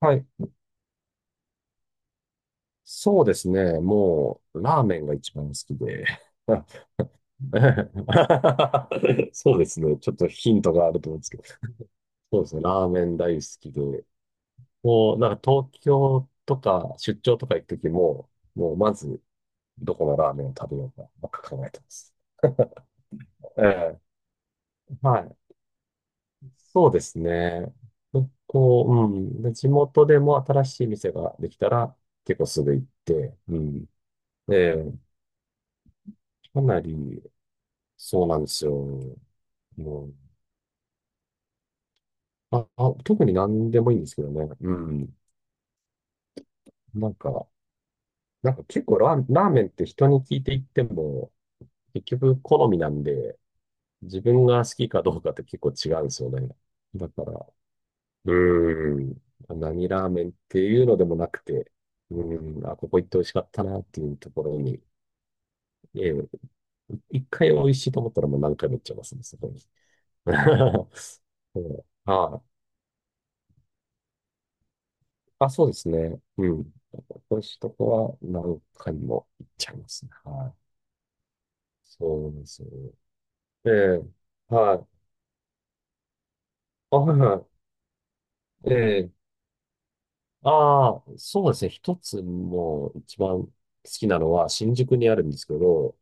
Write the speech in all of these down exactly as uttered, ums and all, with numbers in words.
はい。そうですね。もう、ラーメンが一番好きで。そうですね。ちょっとヒントがあると思うんですけど。そうですね。ラーメン大好きで。もう、なんか東京とか出張とか行くときも、もうまず、どこのラーメンを食べようか、ばっか考えてます。ええ、はい。そうですね。こう、うん。で、地元でも新しい店ができたら、結構すぐ行って、うん。ええ、かなり、そうなんですよ。もう、あ、あ、特に何でもいいんですけどね。うん。なんか、なんか結構ラー、ラーメンって人に聞いていっても、結局好みなんで、自分が好きかどうかって結構違うんですよね。だから、うん。何ラーメンっていうのでもなくて、うん。あ、ここ行って美味しかったなっていうところに、ええ、一回美味しいと思ったらもう何回も行っちゃいますね、そこに。そうはあ、あ、そうですね。うん。そしいとこは何回も行っちゃいますね。はい。そうですね。ええ、はい。あ、はいはい。ええ、ああ、そうですね。一つもう一番好きなのは新宿にあるんですけど、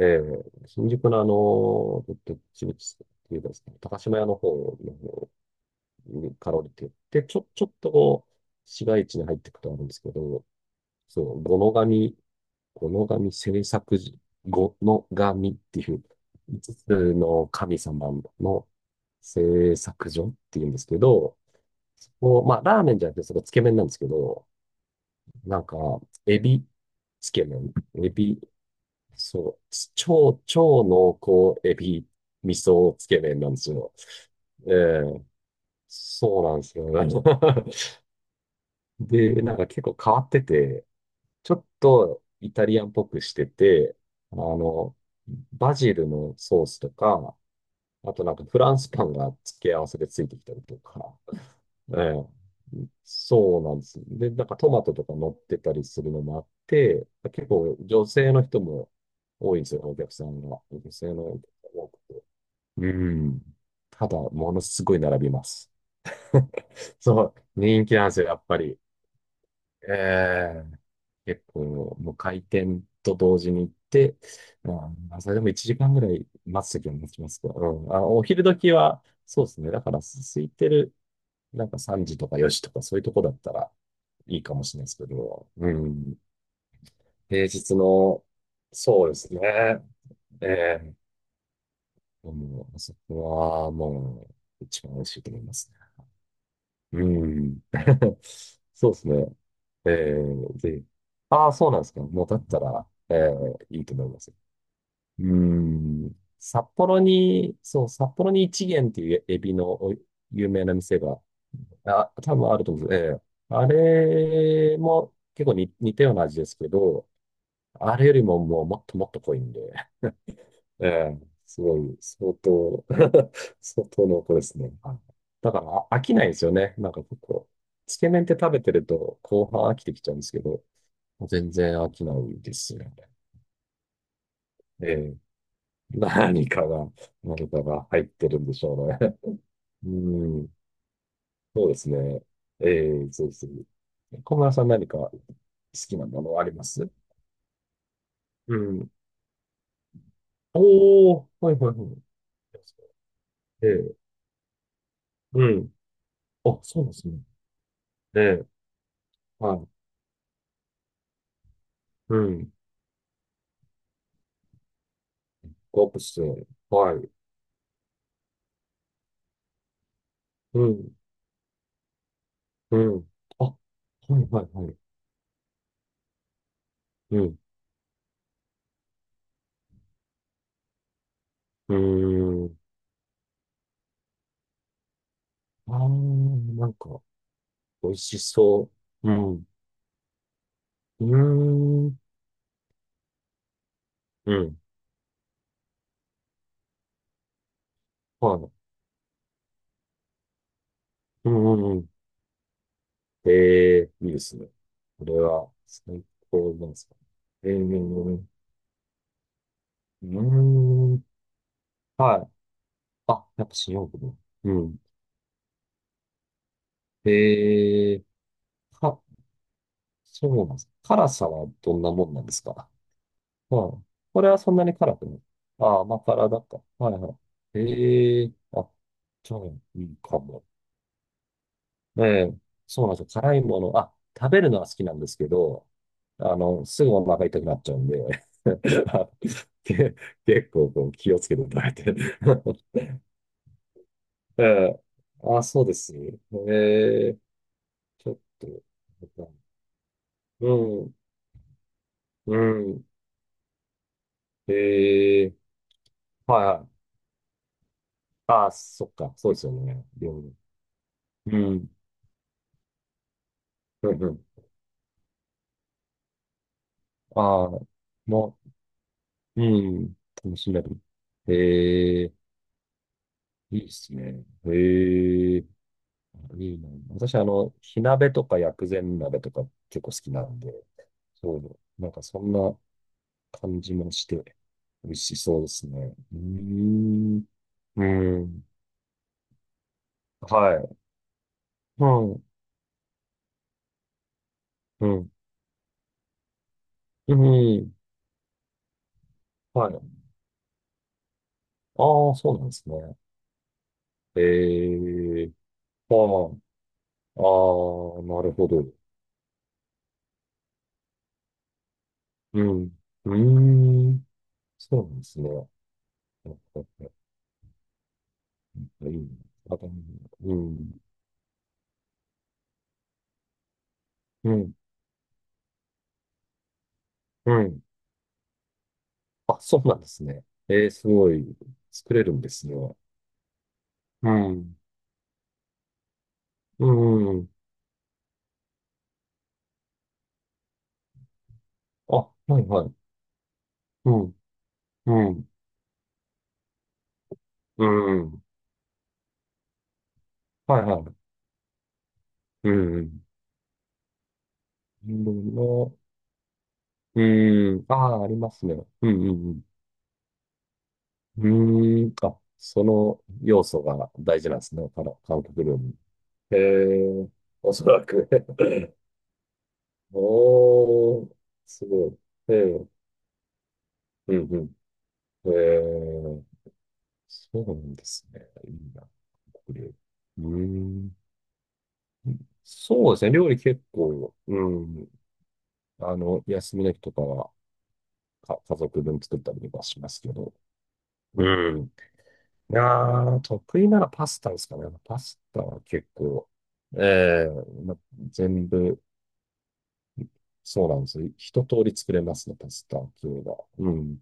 ええ、新宿のあの、どっちみちっていうかですね、高島屋の方の方にかろりって、で、ちょ、ちょっとこう、市街地に入っていくとあるんですけど、そう、五ノ神この神制作時、この神っていう五つつの神様の製作所っていうんですけど、そこ、まあ、ラーメンじゃなくて、そこつけ麺なんですけど、なんか、エビつけ麺、エビ、そう、超、超濃厚エビ味噌つけ麺なんですよ。ええそうなんですよ。で、なんか結構変わってて、ちょっとイタリアンっぽくしてて、あの、バジルのソースとか、あとなんかフランスパンが付け合わせでついてきたりとか、ええ、そうなんです。で、なんかトマトとか乗ってたりするのもあって、結構女性の人も多いんですよ、お客さんが。女性の人が多くて。うん。ただ、ものすごい並びます。そう、人気なんですよ、やっぱり。ええ結構、もう開店と同時に行って、うん、それでもいちじかんぐらい待つときは待ちますけど、うん、あ、お昼時は、そうですね。だから、す空いてる、なんかさんじとかよじとかそういうとこだったらいいかもしれないですけど、うん、平日の、そうですね。ええもう、あそこはもう、一番美味しいと思いますね。うん。そうですね。ええで、ああ、そうなんですか。もうだったら、ええいいと思います。うーん。札幌に、そう、札幌に一元っていうエビのお有名な店が、あ、多分あると思うんです。ええ。あれも結構に似たような味ですけど、あれよりももうもっともっと濃いんで、ええ、すごい、相当 相当濃厚ですね。はいだからあ飽きないですよね。なんか結構、つけ麺って食べてると後半飽きてきちゃうんですけど、全然飽きないですよね。ええ 何かが、何かが入ってるんでしょうね。うん。そうですね。ええそうですね。小村さん何か好きなものありますうん。おー、はいはいはい。ええうん。あ、そうなんですね。ええはい。うん。コープスはい。うん。うん。あ、はいはいはい。うん。うーん。あー、なんか、美味しそう。うん。うーん。うん。はい。うんうんええいいですね。これは最高なんですか。ええうん。うんはい。あ、やっぱ新大久保。うん。ええか、そうなんですか。辛さはどんなもんなんですか。はい。これはそんなに辛くない。ああ、甘辛だか。はいはい。ええあ、じゃあ、いいかも。ええ、そうなんですよ。辛いもの、あ、食べるのは好きなんですけど、あの、すぐお腹痛くなっちゃうんで、あけ結構こう気をつけて食べて。ええ、あ、そうですね。ええ、ちょっと、うん、うん、ええ、はいはい。あ、そっか、そうですよね。料理。うん、うん、うん。ああ、もう、うん、楽しめる。ええ、いいっすね。ええ。いいね。私、あの、火鍋とか薬膳鍋とか結構好きなんで、そうなんかそんな感じもして、美味しそうですね。うーん。うん。はい。うん。うん。うん。はい。ああ、そうなんですね。ええああ、ああ、なるほど。うん。うーん。そうなんですね。いいねあとうん。うん。うん。あ、そうなんですね。えー、すごい、作れるんですね。うん、うん。うんあ、はいはい。うん、うん、うん、はいはい。うん、うんの、うん。ああ、ありますね。うん、うん、うん。うーん。あ、その要素が大事なんですね。この韓国料理。ええ、おそらく おー、すごい。えーうん、うん。えーそうなんですね。いいな。料理うん。そうですね。料理結構、うん。あの、休みの日とかは、か、家族分作ったりとかしますけど。うん。いやー、得意ならパスタですかね。パスタは結構、ええま、全部、そうなんですよ。一通り作れますね、パスタっていうのは。うん。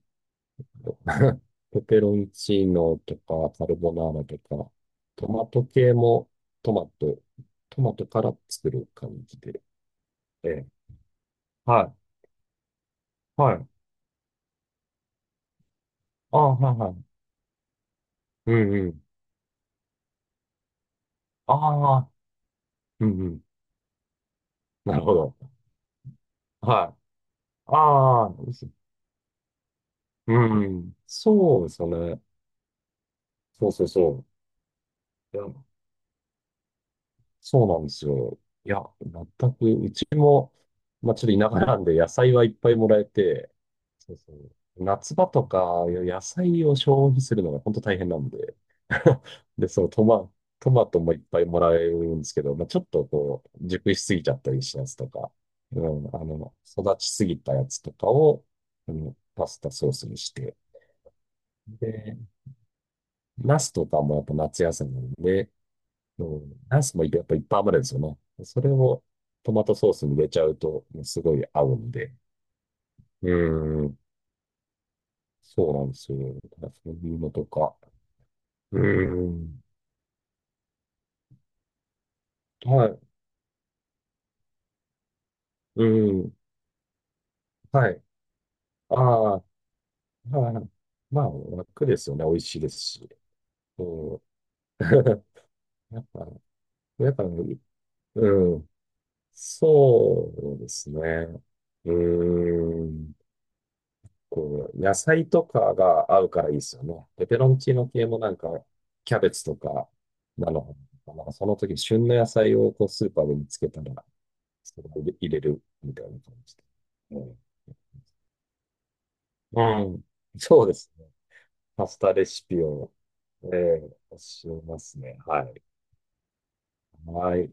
ペペロンチーノとか、カルボナーラとか、トマト系も、トマト、トマトから作る感じで。ええはい。はい。ああ、はいはい。うんうん。ああ、うんうん。なるほど。はい。ああ、うんうん。そうですよね。そうそうそう。いや、そうなんですよ。いや、全く、うちも、まあ、ちょっと田舎なんで野菜はいっぱいもらえて、そうそう。夏場とか、いや野菜を消費するのが本当大変なんで、で、そう、トマ、トマトもいっぱいもらえるんですけど、まあ、ちょっとこう、熟しすぎちゃったりしたやつとか、うん、あの、育ちすぎたやつとかを、うん、パスタソースにして、で、ナスとかもやっぱ夏野菜なんで、うん、ナスもやっぱいっぱい余るんですよね。それをトマトソースに入れちゃうと、もうすごい合うんで、うん、そうなんですよ。そういうのとか、うん、はい、うん、はい。ああ、まあ、まあ、楽ですよね。美味しいですし。うん。やっぱ、やっぱ、うん。そうですね。うーん。こう、野菜とかが合うからいいですよね。ペペロンチーノ系もなんか、キャベツとか、なの、なんかその時、旬の野菜をこうスーパーで見つけたら、それを入れるみたいな感じで。うん。うんそうですね。パスタレシピを、えー、教えますね。はい。はい。